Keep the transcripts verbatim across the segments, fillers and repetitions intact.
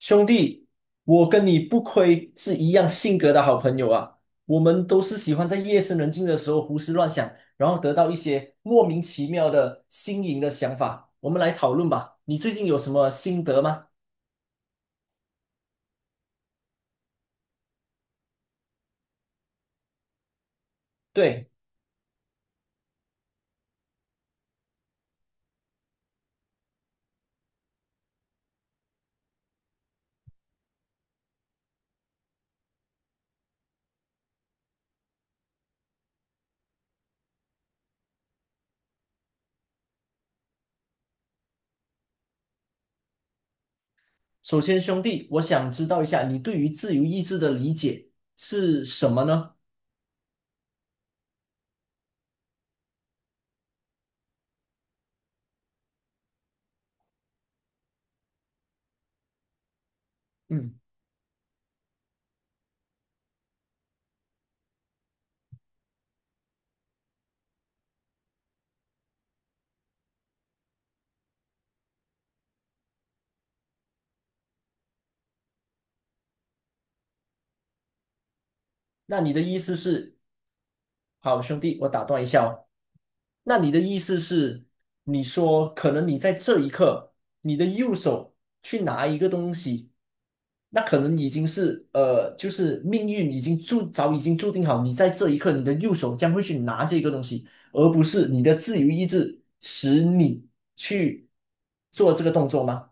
兄弟，我跟你不亏是一样性格的好朋友啊！我们都是喜欢在夜深人静的时候胡思乱想，然后得到一些莫名其妙的新颖的想法。我们来讨论吧，你最近有什么心得吗？对，首先兄弟，我想知道一下你对于自由意志的理解是什么呢？嗯，那你的意思是，好兄弟，我打断一下哦，那你的意思是，你说可能你在这一刻，你的右手去拿一个东西，那可能已经是呃，就是命运已经注早已经注定好，你在这一刻，你的右手将会去拿这个东西，而不是你的自由意志使你去做这个动作吗？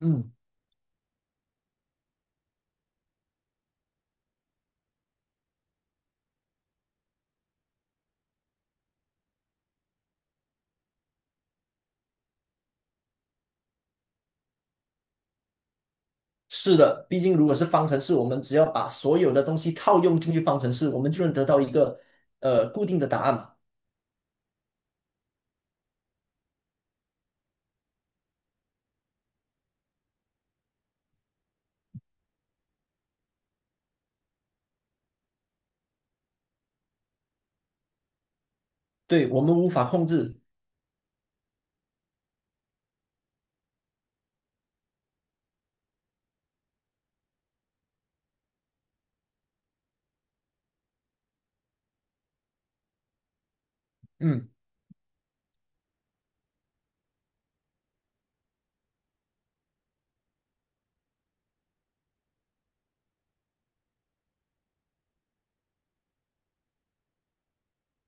嗯，是的，毕竟如果是方程式，我们只要把所有的东西套用进去方程式，我们就能得到一个呃固定的答案嘛。对，我们无法控制。嗯。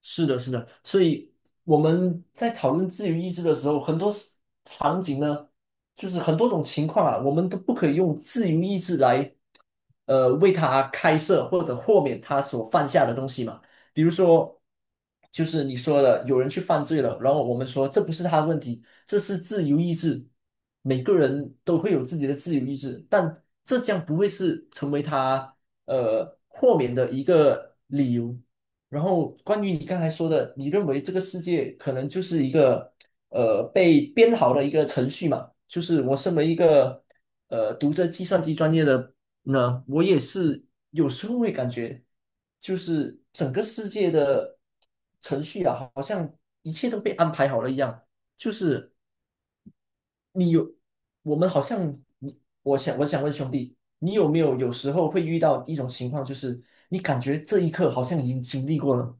是的，是的，所以我们在讨论自由意志的时候，很多 s- 场景呢，就是很多种情况啊，我们都不可以用自由意志来呃为他开设或者豁免他所犯下的东西嘛。比如说，就是你说的，有人去犯罪了，然后我们说这不是他的问题，这是自由意志，每个人都会有自己的自由意志，但这将不会是成为他呃豁免的一个理由。然后关于你刚才说的，你认为这个世界可能就是一个呃被编好的一个程序嘛？就是我身为一个呃读着计算机专业的，那我也是有时候会感觉，就是整个世界的程序啊，好像一切都被安排好了一样。就是你有，我们好像你，我想我想问兄弟，你有没有有时候会遇到一种情况，就是你感觉这一刻好像已经经历过了，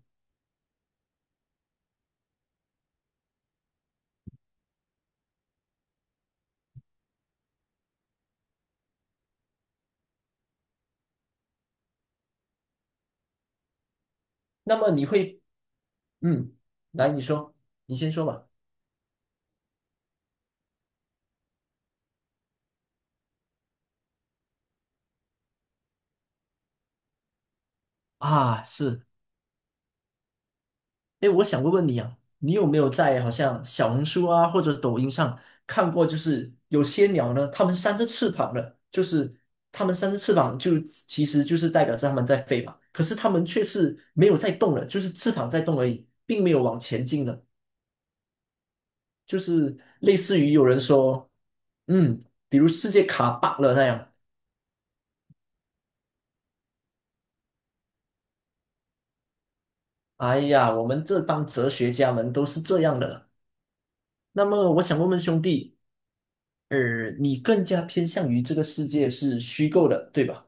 那么你会，嗯，来，你说，你先说吧。啊，是。哎，我想问问你啊，你有没有在好像小红书啊或者抖音上看过，就是有些鸟呢，它们扇着翅膀的，就是它们扇着翅膀就其实就是代表着它们在飞嘛，可是它们却是没有在动的，就是翅膀在动而已，并没有往前进的，就是类似于有人说，嗯，比如世界卡 bug 了那样，哎呀，我们这帮哲学家们都是这样的。那么我想问问兄弟。而你更加偏向于这个世界是虚构的，对吧？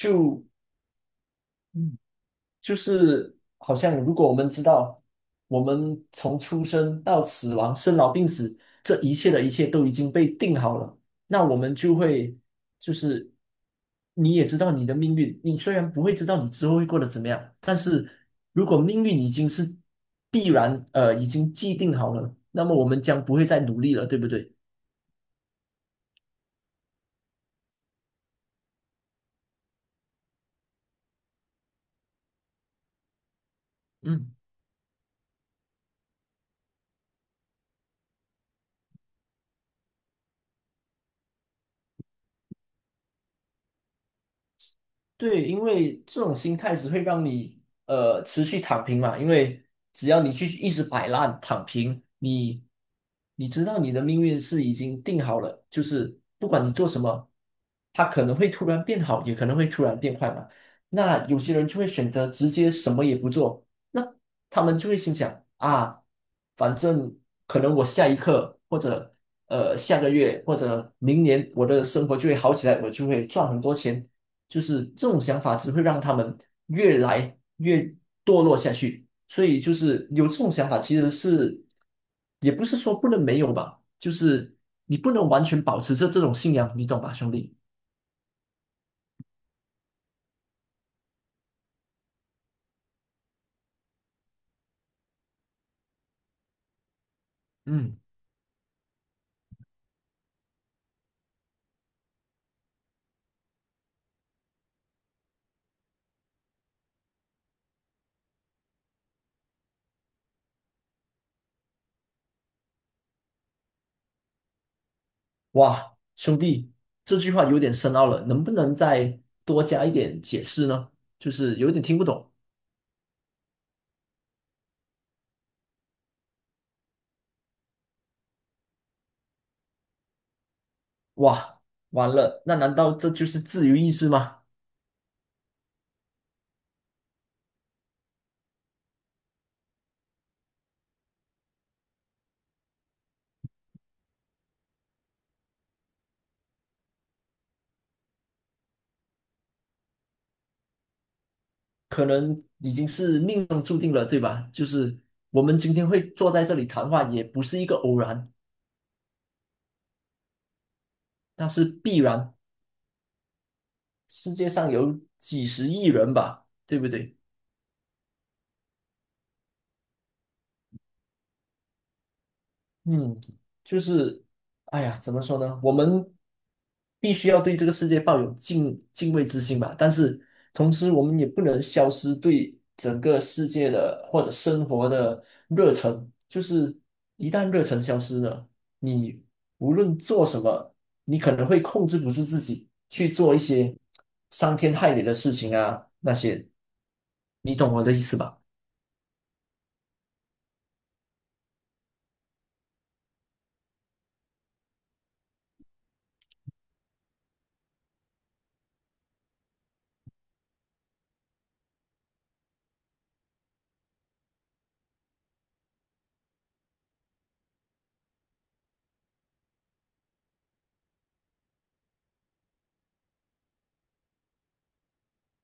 就嗯，就是好像如果我们知道，我们从出生到死亡、生老病死，这一切的一切都已经被定好了，那我们就会就是你也知道你的命运，你虽然不会知道你之后会过得怎么样，但是如果命运已经是必然，呃，已经既定好了，那么我们将不会再努力了，对不对？嗯。对，因为这种心态只会让你呃持续躺平嘛，因为只要你去一直摆烂躺平，你你知道你的命运是已经定好了，就是不管你做什么，它可能会突然变好，也可能会突然变坏嘛。那有些人就会选择直接什么也不做，那他们就会心想啊，反正可能我下一刻或者呃下个月或者明年我的生活就会好起来，我就会赚很多钱。就是这种想法只会让他们越来越堕落下去。所以就是有这种想法，其实是也不是说不能没有吧，就是你不能完全保持着这种信仰，你懂吧，兄弟？嗯，哇，兄弟，这句话有点深奥了，能不能再多加一点解释呢？就是有点听不懂。哇，完了，那难道这就是自由意志吗？可能已经是命中注定了，对吧？就是我们今天会坐在这里谈话，也不是一个偶然，那是必然。世界上有几十亿人吧，对不对？嗯，就是，哎呀，怎么说呢？我们必须要对这个世界抱有敬敬畏之心吧，但是同时我们也不能消失对整个世界的或者生活的热忱。就是一旦热忱消失了，你无论做什么，你可能会控制不住自己去做一些伤天害理的事情啊，那些，你懂我的意思吧？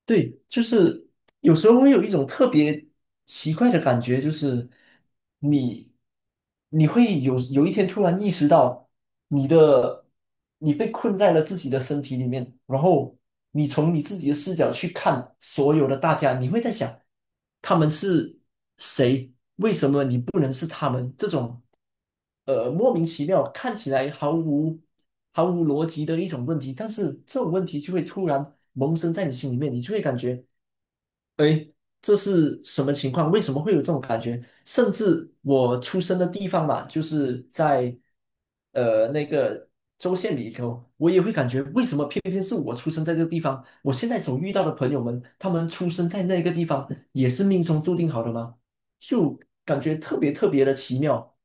对，就是有时候会有一种特别奇怪的感觉，就是你你会有有一天突然意识到你的你被困在了自己的身体里面，然后你从你自己的视角去看所有的大家，你会在想他们是谁，不能是他们这种呃莫名其妙看起来毫无毫无逻辑的一种问题，但是这种问题就会突然萌生在你心里面，你就会感觉。诶，这是什么情况？为什么会有这种感觉？甚至我出生的地方嘛，就是在呃那个州县里头，我也会感觉为什么偏偏是我出生在这个地方？我现在所遇到的朋友们，他们出生在那个地方，也是命中注定好的吗？就感觉特别特别的奇妙。